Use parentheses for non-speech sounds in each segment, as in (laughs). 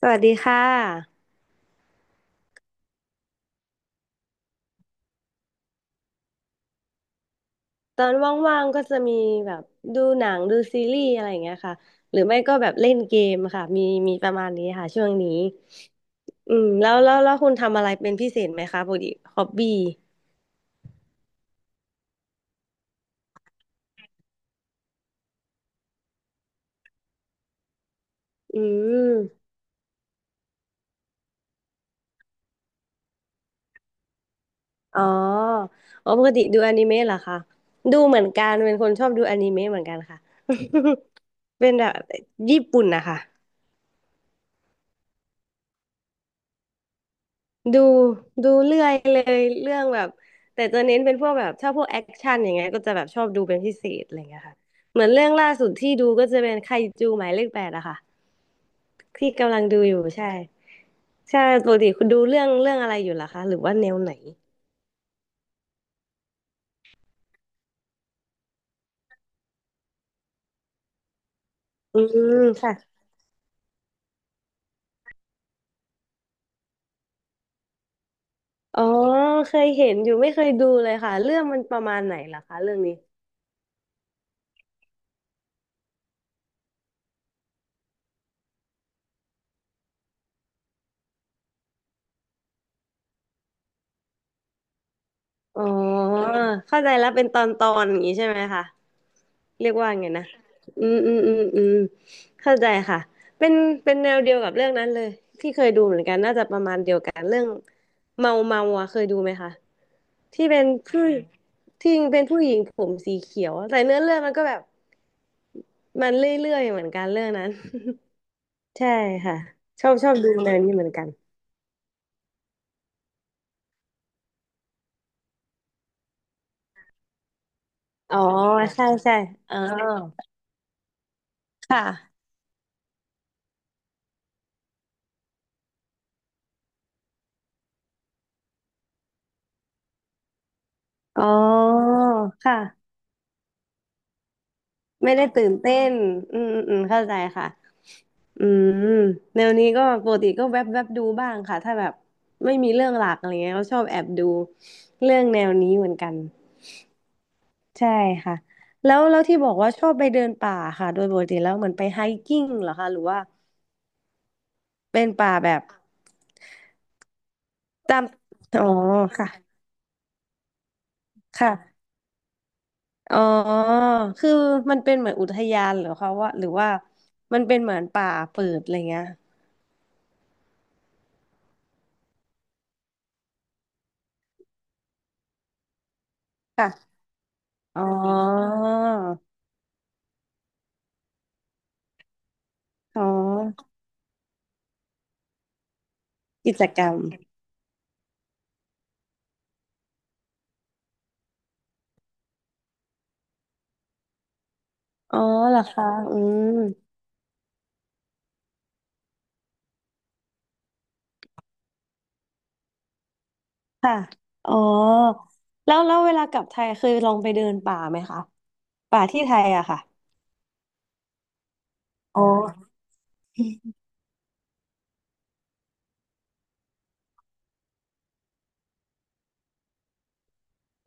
สวัสดีค่ะตอนว่างๆก็จะมีแบบดูหนังดูซีรีส์อะไรอย่างเงี้ยค่ะหรือไม่ก็แบบเล่นเกมค่ะมีประมาณนี้ค่ะช่วงนี้อืมแล้วคุณทำอะไรเป็นพิเศษไหมคะปกติฮอบบี้อืมอ๋ออ๋อปกติดูอนิเมะเหรอคะดูเหมือนกันเป็นคนชอบดูอนิเมะเหมือนกันค่ะ (laughs) เป็นแบบญี่ปุ่นนะคะ ดูดูเรื่อยเลยเรื่องแบบแต่จะเน้นเป็นพวกแบบถ้าพวกแอคชั่นอย่างเงี้ยก็จะแบบชอบดูเป็นพิเศษอะไรเงี้ยค่ะเหมือนเรื่องล่าสุดที่ดูก็จะเป็นไคจูหมายเลข 8อะค่ะที่กำลังดูอยู่ใช่ใช่ปกติคุณดูเรื่องอะไรอยู่ล่ะคะหรือว่าแนวไหนอืมค่ะอ๋อเคยเห็นอยู่ไม่เคยดูเลยค่ะเรื่องมันประมาณไหนล่ะคะเรื่องนี้อ๋อเข้าใจแล้วเป็นตอนอย่างนี้ใช่ไหมคะ เรียกว่าไงนะอืมอืมอืมอืมเข้าใจค่ะเป็นเป็นแนวเดียวกับเรื่องนั้นเลยที่เคยดูเหมือนกันน่าจะประมาณเดียวกันเรื่องเมาเมาอ่ะเคยดูไหมคะที่เป็นผู้ที่เป็นผู้หญิงผมสีเขียวแต่เนื้อเรื่องมันก็แบบมันเรื่อยๆเหมือนกันเรื่องนั้น (laughs) ใช่ค่ะชอบดูแนวนี้เหมือนกันอ๋อใช่ใช่อ๋อค่ะอ๋อค่ะไม่ได้ตื่นเต้นอืมอืมอืมเข้าใจค่ะ อืมแนวนี้ก็ปกติก็แวบแวบดูบ้างค่ะถ้าแบบไม่มีเรื่องหลักอะไรเงี้ยก็ชอบแอบดูเรื่องแนวนี้เหมือนกันใช่ค่ะแล้วที่บอกว่าชอบไปเดินป่าค่ะโดยปกติแล้วเหมือนไปไฮกิ้งเหรอคะหรือว่าเป็นป่าแบบตามอ๋อค่ะค่ะอ๋อคือมันเป็นเหมือนอุทยานเหรอคะว่าหรือว่ามันเป็นเหมือนป่าเปิดอะไรเงี้ยค่ะอ๋ออ๋อกิจกรรมอ๋อเหรอคะอืม ค่ะอ๋อแล้วเวลากลับไทยเคยลองไปเดินป่าไหมคะป่าที่ไทยอะค่ะอ๋อ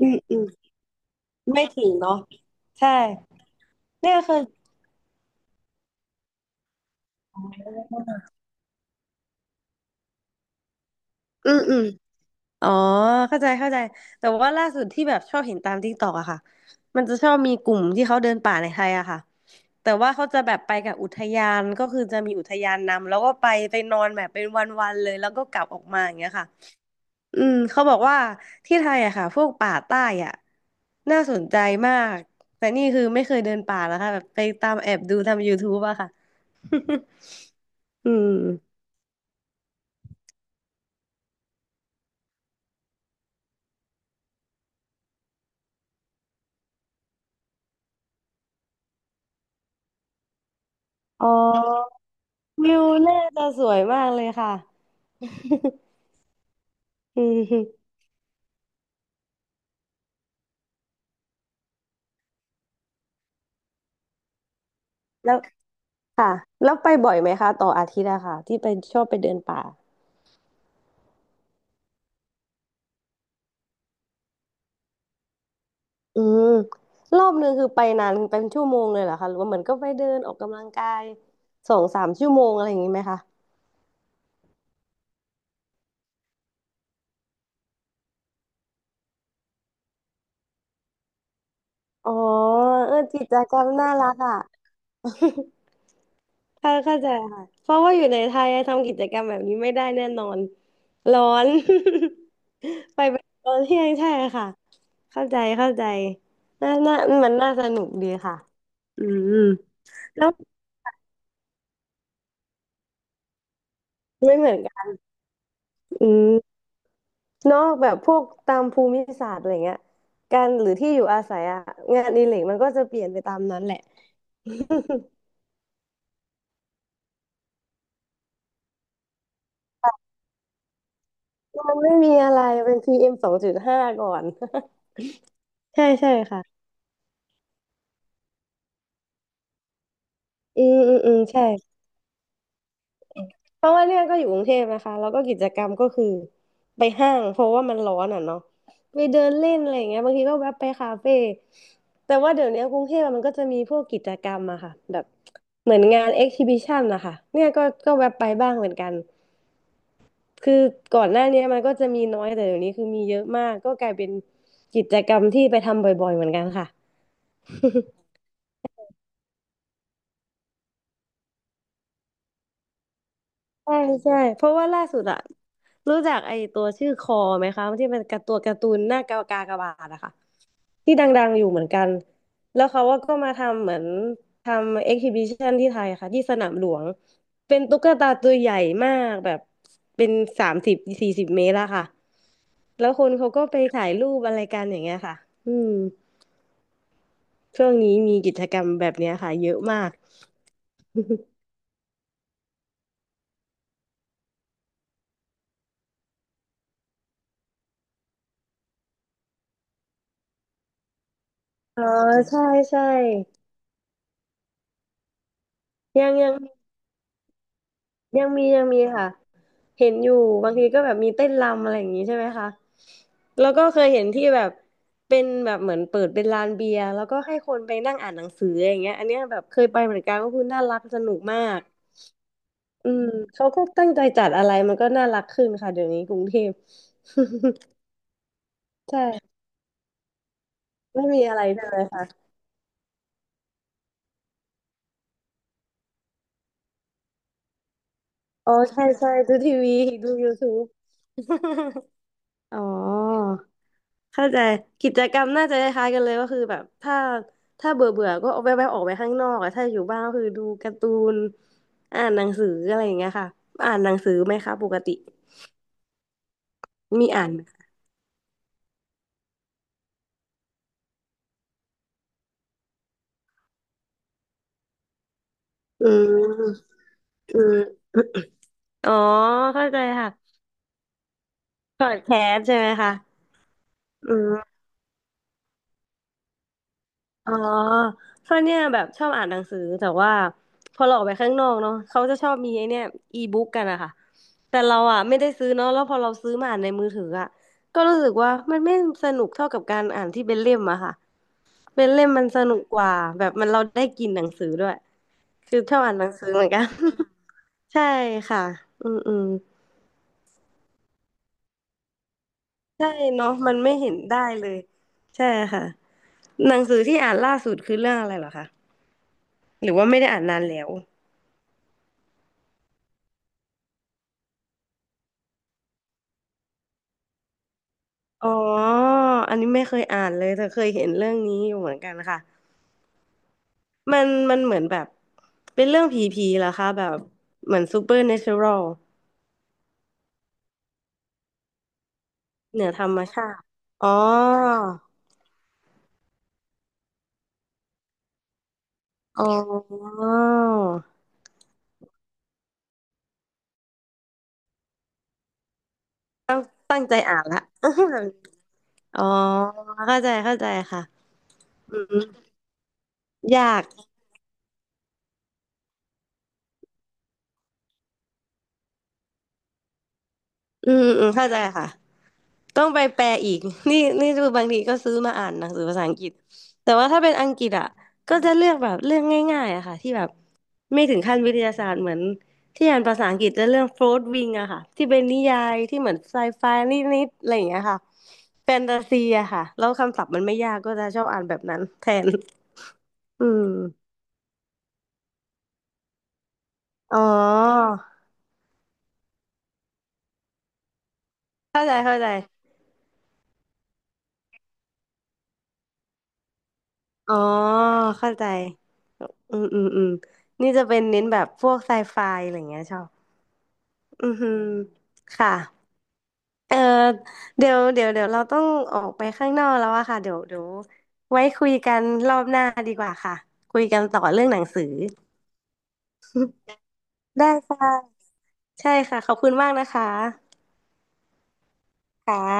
อืมอืมไม่ถึงเนาะใช่เนี่ยคืออืมอืมอ๋อเข้าใจเข้าใจแต่ว่าล่าสุดที่แบบชอบเห็นตามทิกตอกอะค่ะมันจะชอบมีกลุ่มที่เขาเดินป่าในไทยอะค่ะแต่ว่าเขาจะแบบไปกับอุทยานก็คือจะมีอุทยานนำแล้วก็ไปนอนแบบเป็นวันๆเลยแล้วก็กลับออกมาอย่างเงี้ยค่ะ อืมเขาบอกว่าที่ไทยอะค่ะพวกป่าใต้อะน่าสนใจมากแต่นี่คือไม่เคยเดินป่าแล้วค่ะแบบไปตามแอบดูทำยูทูบอะค่ะ (laughs) อืมอ๋อวิวน่าจะสวยมากเลยค่ะ (laughs) อืมแล้วค่ะแล้วไปบ่อยไหมคะต่ออาทิตย์อะค่ะที่ไปชอบไปเดินป่าอืมรอบนึงคือไปนานเป็นชั่วโมงเลยเหรอคะหรือว่าเหมือนก็ไปเดินออกกำลังกายสองสามชั่วโมงอะไรอย่างนี้ไหมคะ อ๋อเออกิจกรรมน่ารักอ่ะ (laughs) เข้าใจค่ะเพราะว่าอยู่ในไทยทำกิจกรรมแบบนี้ไม่ได้แน่นอนร้อน (laughs) ไปเป็นตอนเที่ยงใช่ค่ะเข้าใจเข้าใจน่าน่ามันน่าสนุกดีค่ะอืมแล้วไม่เหมือนกันอืมนอกแบบพวกตามภูมิศาสตร์อะไรเงี้ยการหรือที่อยู่อาศัยอะงานอดิเรกมันก็จะเปลี่ยนไปตามนั้นแหละ (laughs) มันไม่มีอะไรเป็น PM2.5ก่อน (laughs) ใช่ใช่ค่ะอืมอืมอืมใช่เพราะว่าเนี่ยก็อยู่กรุงเทพนะคะแล้วก็กิจกรรมก็คือไปห้างเพราะว่ามันร้อนอ่ะเนาะไปเดินเล่นอะไรอย่างเงี้ยบางทีก็แวะไปคาเฟ่แต่ว่าเดี๋ยวนี้กรุงเทพอะมันก็จะมีพวกกิจกรรมอะค่ะแบบเหมือนงานเอ็กซิบิชันนะคะเนี่ยก็แวะไปบ้างเหมือนกันคือก่อนหน้าเนี้ยมันก็จะมีน้อยแต่เดี๋ยวนี้คือมีเยอะมากก็กลายเป็นกิจกรรมที่ไปทำบ่อยๆเหมือนกันค่ะ (laughs) ใช่ใช่เพราะว่าล่าสุดอะรู้จักไอตัวชื่อคอไหมคะที่เป็นการ์ตูนหน้ากากากบาทอะค่ะที่ดังๆอยู่เหมือนกันแล้วเขาว่าก็มาทำเหมือนทำเอ็กซิบิชันที่ไทยค่ะที่สนามหลวงเป็นตุ๊กตาตัวใหญ่มากแบบเป็น30-40 เมตรอะค่ะแล้วคนเขาก็ไปถ่ายรูปอะไรกันอย่างเงี้ยค่ะอืมช่วงนี้มีกิจกรรมแบบเนี้ยค่ะเยอะมาก (laughs) อ๋อใช่ใช่ยังยัง ยังมียังมีค่ะเห็นอยู่บางทีก็แบบมีเต้นรำอะไรอย่างนี้ใช่ไหมคะแล้วก็เคยเห็นที่แบบเป็นแบบเหมือนเปิดเป็นลานเบียร์แล้วก็ให้คนไปนั่งอ่านหนังสืออย่างเงี้ยอันเนี้ยแบบเคยไปเหมือนกันก็คือน่ารักสนุกมากอืมเขาก็ตั้งใจจัดอะไรมันก็น่ารักขึ้นค่ะเดี๋ยวนี้กรุงเทพ (laughs) ใช่ไม่มีอะไรใช่ไหมคะอ๋อใช่ใช่ดูทีวีดู YouTube (laughs) อ๋อเข้าใจกิจกรรมน่าจะคล้ายๆกันเลยก็คือแบบถ้าเบื่อเบื่อก็เอาแวบๆออกไปข้างนอกอะถ้าอยู่บ้านก็คือดูการ์ตูนอ่านหนังสืออะไรอย่างเงี้ยค่ะอ่านหนังสือไหมคะปกติมีอ่านไหมอืมอืมอ๋อเข้าใจค่ะพอดแคสต์ใช่ไหมคะอืม อ๋อเพราะเนี่ยแบบชอบอ่านหนังสือแต่ว่าพอเราออกไปข้างนอกเนาะเขาจะชอบมีไอ้เนี่ยอีบุ๊กกันอะค่ะแต่เราอะไม่ได้ซื้อเนาะแล้วพอเราซื้อมาอ่านในมือถืออะก็รู้สึกว่ามันไม่สนุกเท่ากับการอ่านที่เป็นเล่มอะค่ะเป็นเล่มมันสนุกกว่าแบบมันเราได้กินหนังสือด้วยคือชอบอ่านหนังสือเหมือนกัน (laughs) ใช่ค่ะอืมอืมใช่เนาะมันไม่เห็นได้เลยใช่ค่ะหนังสือที่อ่านล่าสุดคือเรื่องอะไรเหรอคะหรือว่าไม่ได้อ่านนานแล้ว อ๋ออันนี้ไม่เคยอ่านเลยแต่เคยเห็นเรื่องนี้อยู่เหมือนกันค่ะมันเหมือนแบบเป็นเรื่องผีผีเหรอคะแบบเหมือนซูเปอร์เนเชอรัลเหนือธรรมชาติอ๋ออ๋อตั้งตั้งใจอ่านละ (laughs) อ๋อเข้าใจเข้าใจค่ะอืมยาก อืมอืมเข้าใจค่ะต้องไปแปลอีก (laughs) นี่คือบางทีก็ซื้อมาอ่านหนังสือภาษาอังกฤษแต่ว่าถ้าเป็นอังกฤษอ่ะก็จะเลือกแบบเรื่องง่ายๆอะค่ะที่แบบไม่ถึงขั้นวิทยาศาสตร์เหมือนที่อ่านภาษาอังกฤษจะเรื่องโฟร์วิงอะค่ะที่เป็นนิยายที่เหมือนไซไฟนิดๆอะไรอย่างเงี้ยค่ะแฟนตาซีอะค่ะแล้วคำศัพท์มันไม่ยากก็จะชอบอ่านแบบนั้นแทนอืมอ๋อเข้าใจเข้าใจอ๋อเข้าใจ อืมอืมอืมนี่จะเป็นเน้นแบบพวกไซไฟอะไรอย่างเงี้ยชอบอือหือค่ะเออเดี๋ยวเราต้องออกไปข้างนอกแล้วอะค่ะเดี๋ยวไว้คุยกันรอบหน้าดีกว่าค่ะคุยกันต่อเรื่องหนังสือได้ค่ะใช่ค่ะขอบคุณมากนะคะค่ะ